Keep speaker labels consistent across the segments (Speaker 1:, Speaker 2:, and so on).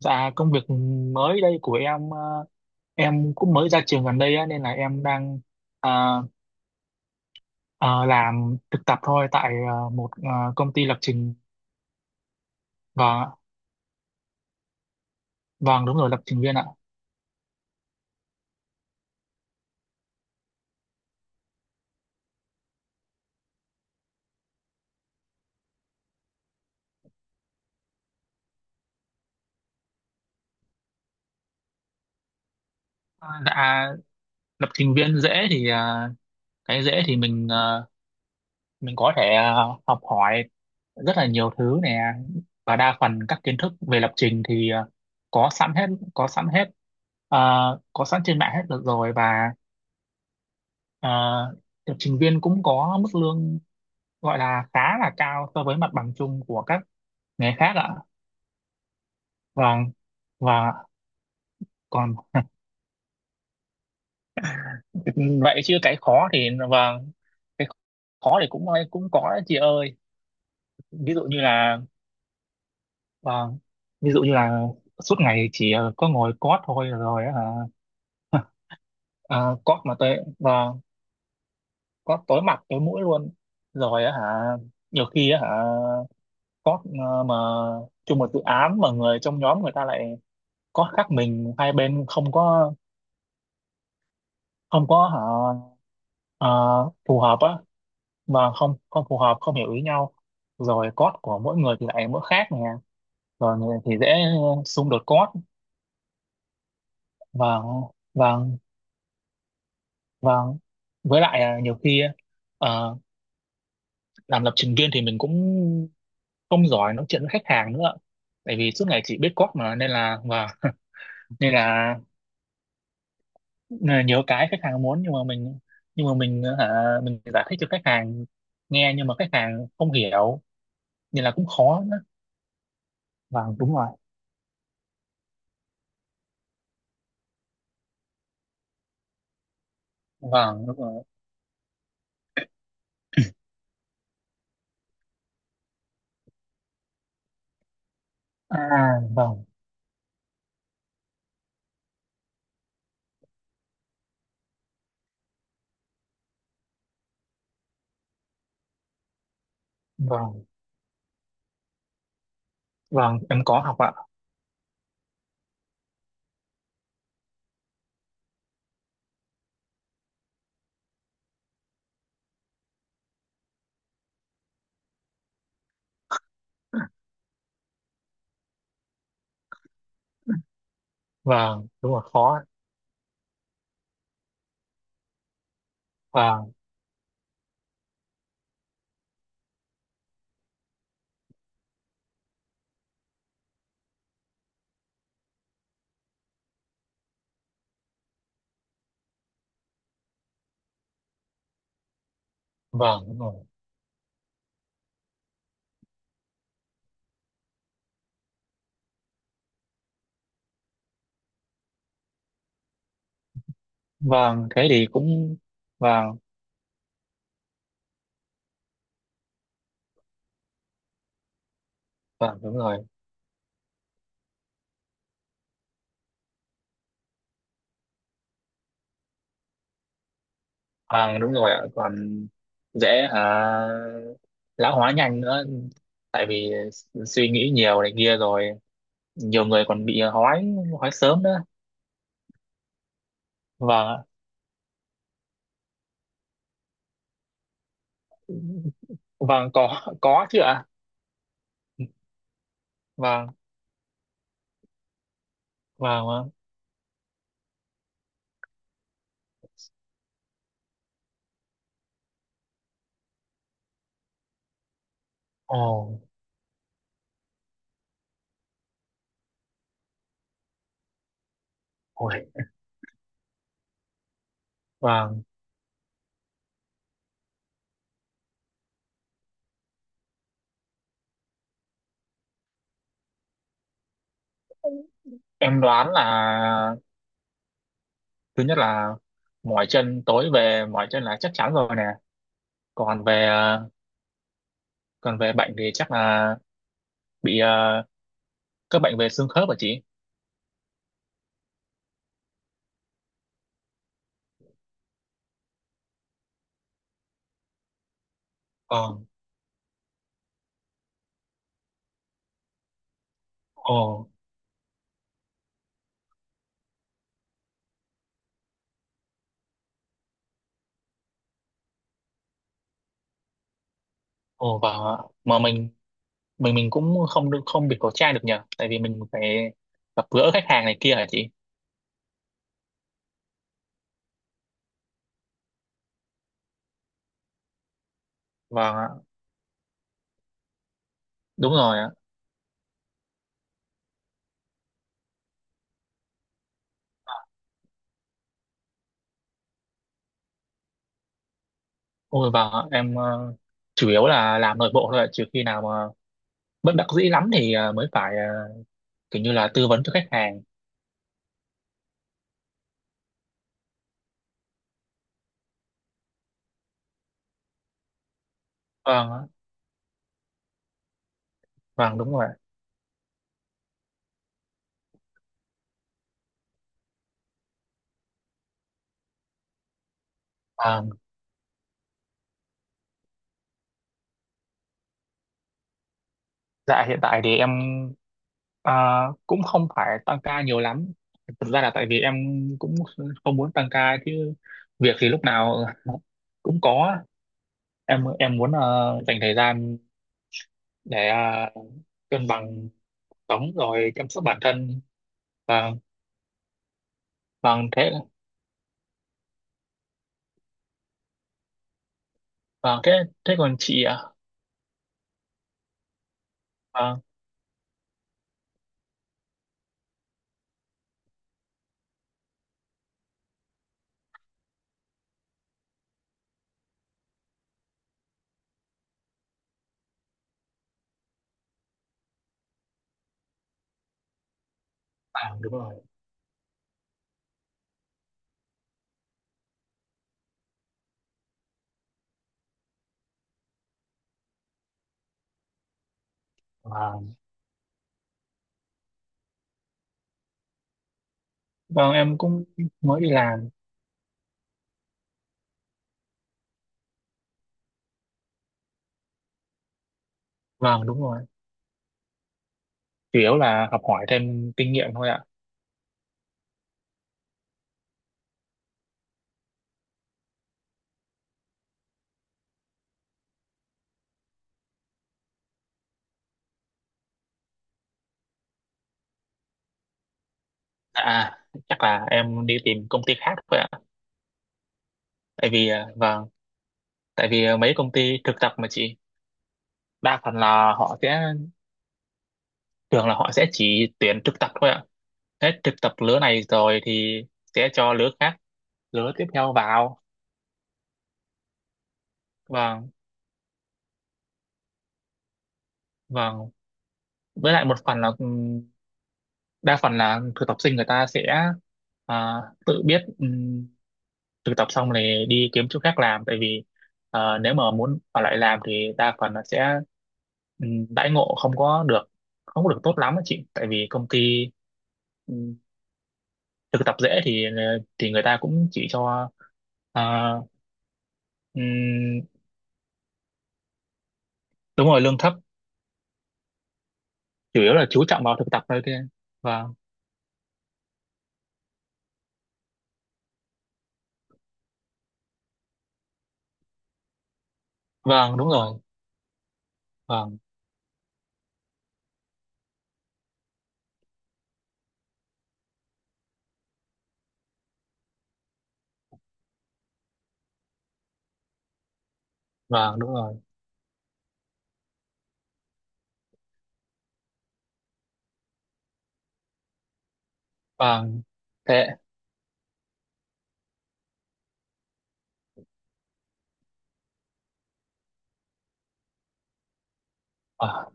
Speaker 1: Dạ công việc mới đây của em em cũng mới ra trường gần đây á, nên là em đang ờ, ờ, làm thực tập thôi tại một công ty lập trình và vâng đúng rồi, lập trình viên ạ. Ờ, dạ lập trình viên dễ thì cái dễ thì mình mình có thể học hỏi rất là nhiều thứ nè, và đa phần các kiến thức về lập trình thì có sẵn hết, có sẵn hết ờ, có sẵn trên mạng hết được rồi. Và ờ, lập trình viên cũng có mức lương gọi là khá là cao so với mặt bằng chung của các nghề khác ạ. Vâng. Và còn vậy chứ cái khó thì, vâng, cái khó thì cũng cũng có đấy chị ơi. Ví dụ như là, vâng, ví dụ như là suốt ngày chỉ có ngồi cót thôi rồi á hả. À, cót mà tới, vâng, cót tối mặt tối mũi luôn rồi á hả. Nhiều khi á hả cót mà chung một dự án mà người trong nhóm người ta lại cót khác mình, hai bên không có, không có hả à, phù hợp á, mà không không phù hợp, không hiểu ý nhau. Rồi code của mỗi người thì lại mỗi khác nè, rồi người thì dễ xung đột code. Và và và với lại, nhiều khi à, làm lập trình viên thì mình cũng không giỏi nói chuyện với khách hàng nữa, tại vì suốt ngày chỉ biết code mà, nên là. Và nên là, nên là nhiều cái khách hàng muốn nhưng mà mình, nhưng mà mình hả mình giải thích cho khách hàng nghe nhưng mà khách hàng không hiểu, nên là cũng khó. Vâng đúng rồi. Vâng đúng rồi. À vâng. Vâng. Vâng em có học ạ. Vâng đúng rồi, khó ạ. Vâng. Vâng đúng rồi. Vâng thế thì cũng. Vâng. Vâng đúng rồi. Vâng đúng rồi ạ. Còn dễ hả, lão hóa nhanh nữa, tại vì suy nghĩ nhiều này kia, rồi nhiều người còn bị hói, hói sớm nữa. Vâng ạ. Vâng có chứ ạ. Vâng. Vâng, vâng. Ồ. Ôi. Vâng. Em đoán là thứ nhất là mỏi chân, tối về mỏi chân là chắc chắn rồi nè. Còn về bệnh thì chắc là bị các bệnh về xương khớp hả chị. Ờ. Ồ. Ồ. Và mà mình cũng không được không bị khẩu trang được nhờ, tại vì mình phải gặp gỡ khách hàng này kia hả chị. Và đúng rồi ạ. Ôi. Và em chủ yếu là làm nội bộ thôi ạ, trừ khi nào mà bất đắc dĩ lắm thì mới phải kiểu như là tư vấn cho khách hàng. Vâng ạ. Vâng đúng rồi ạ. Dạ hiện tại thì em à, cũng không phải tăng ca nhiều lắm. Thực ra là tại vì em cũng không muốn tăng ca chứ việc thì lúc nào cũng có. Em muốn dành thời gian để cân bằng sống rồi chăm sóc bản thân. Và vâng thế. Vâng thế, thế còn chị ạ? Vâng, à, đúng rồi. Vâng, vâng em cũng mới đi làm. Vâng đúng rồi. Chủ yếu là học hỏi thêm kinh nghiệm thôi ạ. À, chắc là em đi tìm công ty khác thôi ạ. Tại vì, à, vâng, tại vì à, mấy công ty thực tập mà chị, đa phần là họ sẽ, thường là họ sẽ chỉ tuyển thực tập thôi ạ. Hết thực tập lứa này rồi thì sẽ cho lứa khác, lứa tiếp theo vào. Vâng, vâng. Với lại một phần là đa phần là thực tập sinh người ta sẽ, à, tự biết thực tập xong này đi kiếm chỗ khác làm, tại vì nếu mà muốn ở lại làm thì đa phần là sẽ, ừ, đãi ngộ không có được tốt lắm á chị, tại vì công ty ừ, thực tập dễ thì thì người ta cũng chỉ cho à, ừ, đúng rồi lương thấp, chủ yếu là chú trọng vào thực tập thôi kia. Vâng. Vâng đúng rồi. Vâng. Vâng đúng rồi. Vâng thế. Ờ.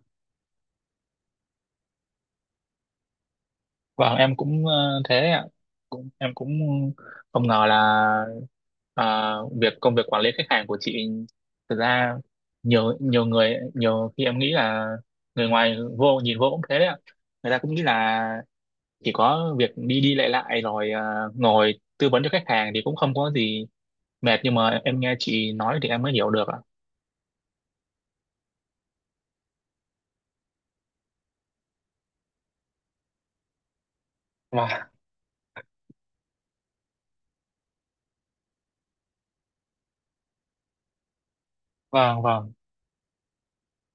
Speaker 1: Vâng, em cũng thế ạ. Cũng, em cũng không ngờ là ờ, công việc quản lý khách hàng của chị thực ra nhiều nhiều người, nhiều khi em nghĩ là người ngoài vô nhìn vô cũng thế đấy ạ. Người ta cũng nghĩ là chỉ có việc đi đi lại lại rồi ngồi tư vấn cho khách hàng thì cũng không có gì mệt, nhưng mà em nghe chị nói thì em mới hiểu được ạ. Vâng, vâng, vâng.